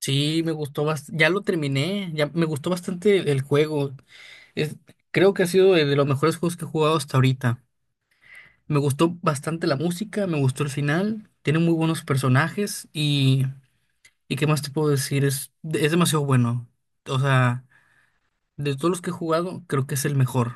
Sí, me gustó bastante. Ya lo terminé. Ya me gustó bastante el juego. Es, creo que ha sido de los mejores juegos que he jugado hasta ahorita. Me gustó bastante la música, me gustó el final. Tiene muy buenos personajes y ¿qué más te puedo decir? Es demasiado bueno. O sea, de todos los que he jugado, creo que es el mejor.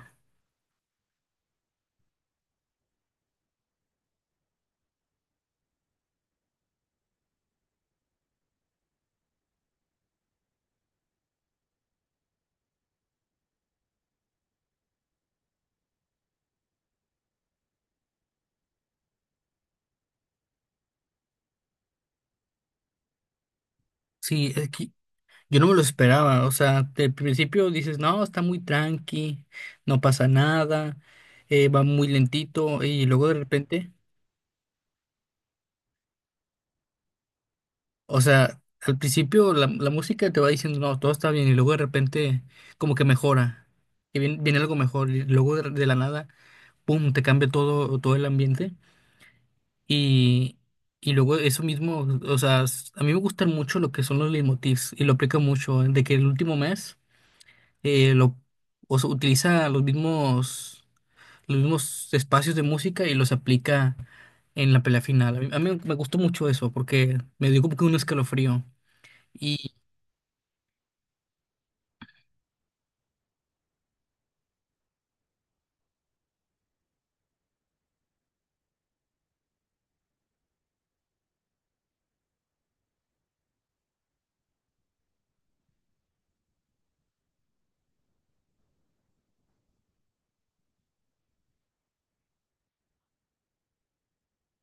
Sí, es que yo no me lo esperaba. O sea, de principio dices, no, está muy tranqui, no pasa nada, va muy lentito y luego de repente. O sea, al principio la música te va diciendo, no, todo está bien, y luego de repente como que mejora, y viene algo mejor, y luego de la nada, pum, te cambia todo, todo el ambiente, y, y luego eso mismo, o sea, a mí me gustan mucho lo que son los leitmotivs, y lo aplico mucho, ¿eh? De que el último mes, eh, lo, o sea, utiliza los mismos espacios de música y los aplica en la pelea final. A mí me gustó mucho eso, porque me dio como que un escalofrío.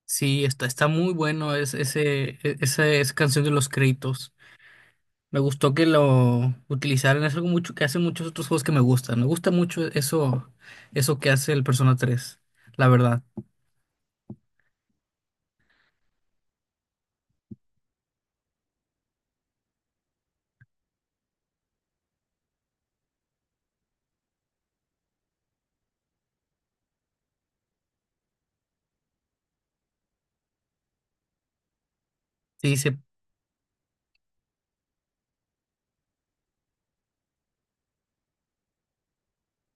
Sí, está, está muy bueno es, ese, esa, esa canción de los créditos. Me gustó que lo utilizaran. Es algo mucho que hacen muchos otros juegos que me gustan. Me gusta mucho eso, eso que hace el Persona 3, la verdad. Sí, se,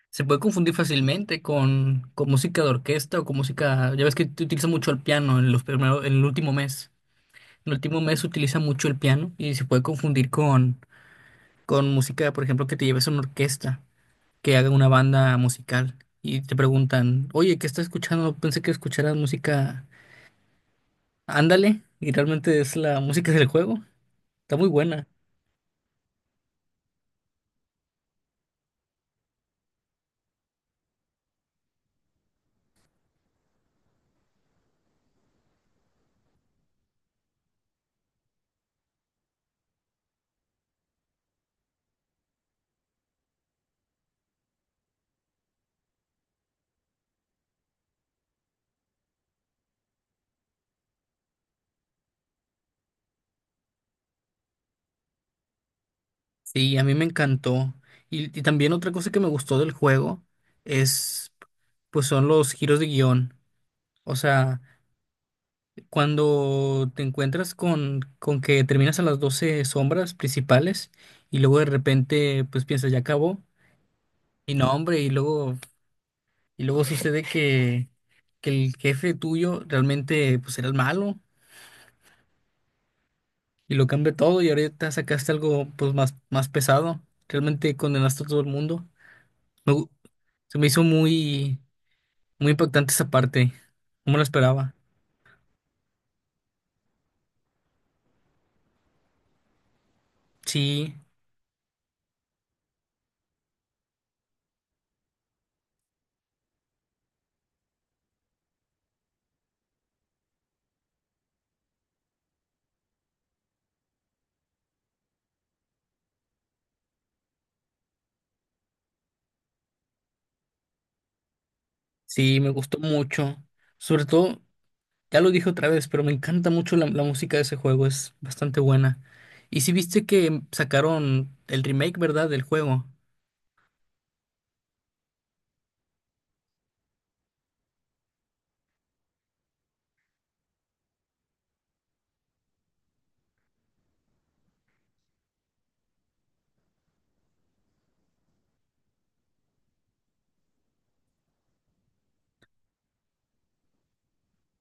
se puede confundir fácilmente con música de orquesta o con música. Ya ves que te utiliza mucho el piano en los primeros, en el último mes. En el último mes se utiliza mucho el piano y se puede confundir con música, por ejemplo, que te lleves a una orquesta, que haga una banda musical y te preguntan, oye, ¿qué estás escuchando? Pensé que escucharas música, ándale, y realmente es la música del juego, está muy buena. Sí, a mí me encantó. Y también otra cosa que me gustó del juego es, pues son los giros de guión. O sea, cuando te encuentras con que terminas a las 12 sombras principales y luego de repente, pues piensas, ya acabó. Y no, hombre, y luego y luego sucede que el jefe tuyo realmente pues era el malo y lo cambia todo y ahorita sacaste algo pues más, más pesado. Realmente condenaste a todo el mundo. Me gu- Se me hizo muy, muy impactante esa parte. No me lo esperaba. Sí, sí, me gustó mucho. Sobre todo, ya lo dije otra vez, pero me encanta mucho la música de ese juego, es bastante buena. Y sí viste que sacaron el remake, ¿verdad? Del juego.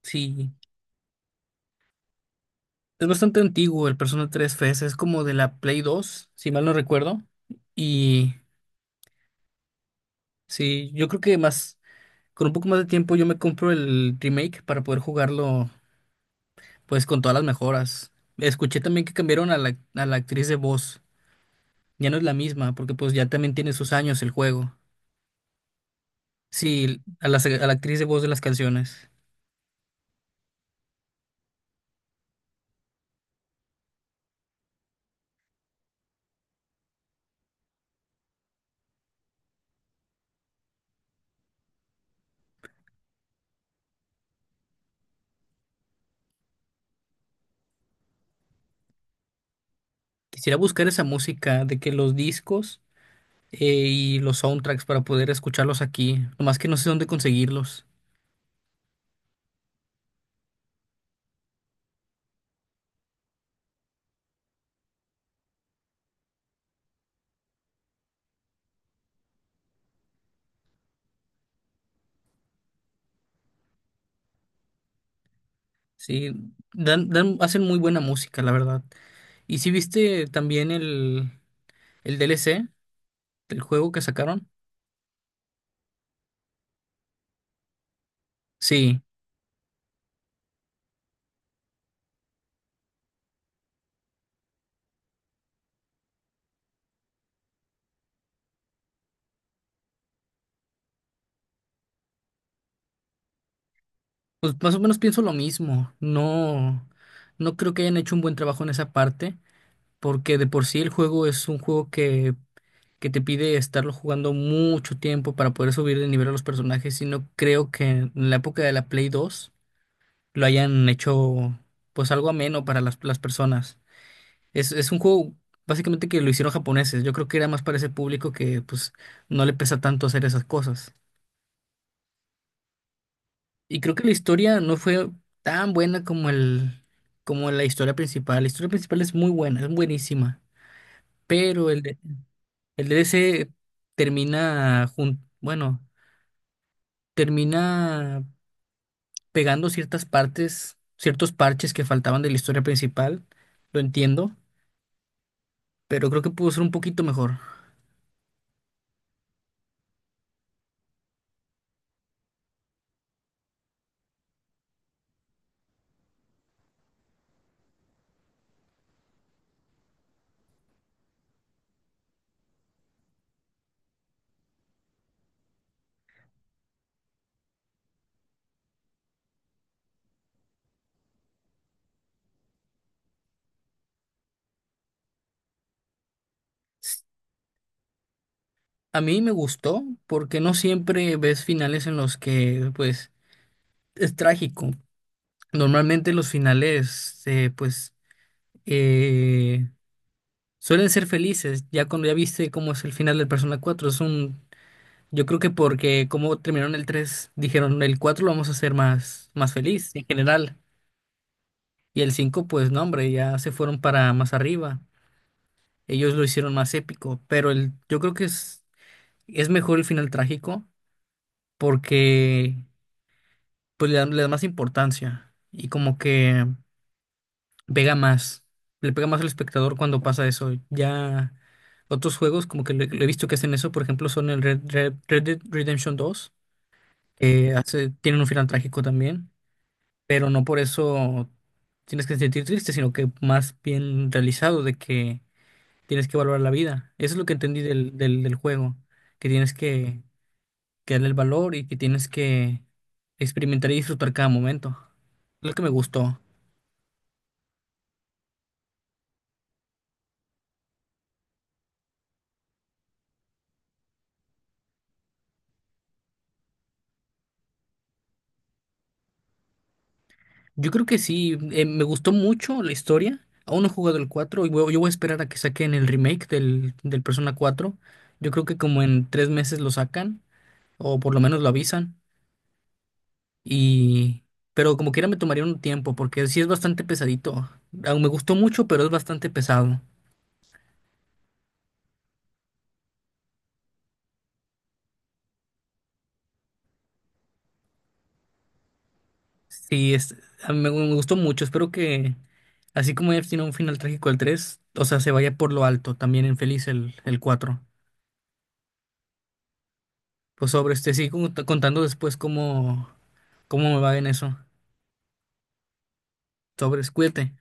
Sí. Es bastante antiguo el Persona 3 FS, es como de la Play 2, si mal no recuerdo. Y sí, yo creo que más, con un poco más de tiempo yo me compro el remake para poder jugarlo pues con todas las mejoras. Escuché también que cambiaron a la actriz de voz, ya no es la misma, porque pues ya también tiene sus años el juego. Sí, a la actriz de voz de las canciones. Quisiera buscar esa música de que los discos y los soundtracks para poder escucharlos aquí, nomás que no sé dónde conseguirlos. Sí, dan, dan, hacen muy buena música, la verdad. ¿Y si viste también el DLC del juego que sacaron? Sí, pues más o menos pienso lo mismo. No, no creo que hayan hecho un buen trabajo en esa parte, porque de por sí el juego es un juego que te pide estarlo jugando mucho tiempo para poder subir de nivel a los personajes, y no creo que en la época de la Play 2 lo hayan hecho pues algo ameno para las personas. Es un juego básicamente que lo hicieron japoneses. Yo creo que era más para ese público que pues no le pesa tanto hacer esas cosas. Y creo que la historia no fue tan buena como el, como la historia principal. La historia principal es muy buena, es buenísima. Pero el, el DLC bueno, termina pegando ciertas partes, ciertos parches que faltaban de la historia principal. Lo entiendo, pero creo que pudo ser un poquito mejor. A mí me gustó porque no siempre ves finales en los que, pues, es trágico. Normalmente los finales, pues, eh, suelen ser felices. Ya cuando ya viste cómo es el final del Persona cuatro es un... Yo creo que porque como terminaron el 3 dijeron el 4 lo vamos a hacer más, más feliz en general. Y el cinco pues, no, hombre, ya se fueron para más arriba. Ellos lo hicieron más épico. Pero el, yo creo que es mejor el final trágico porque... pues le da más importancia y como que pega más, le pega más al espectador cuando pasa eso. Ya otros juegos como que le he visto que hacen eso, por ejemplo, son el Red Dead Redemption dos que hace, tienen un final trágico también, pero no por eso tienes que sentir triste, sino que más bien realizado de que tienes que valorar la vida. Eso es lo que entendí del juego, que tienes que darle el valor y que tienes que experimentar y disfrutar cada momento. Lo que me gustó. Yo creo que sí, me gustó mucho la historia. Aún no he jugado el 4 y yo voy a esperar a que saquen el remake del Persona cuatro. Yo creo que como en 3 meses lo sacan, o por lo menos lo avisan. Y... pero como quiera me tomaría un tiempo, porque sí es bastante pesadito. Aún me gustó mucho, pero es bastante pesado. Sí, es... a mí me, me gustó mucho. Espero que, así como ya tiene un final trágico el tres, o sea, se vaya por lo alto, también en feliz el cuatro. Pues sobre este, sigo contando después cómo... ¿cómo me va en eso? Sobres, cuídate.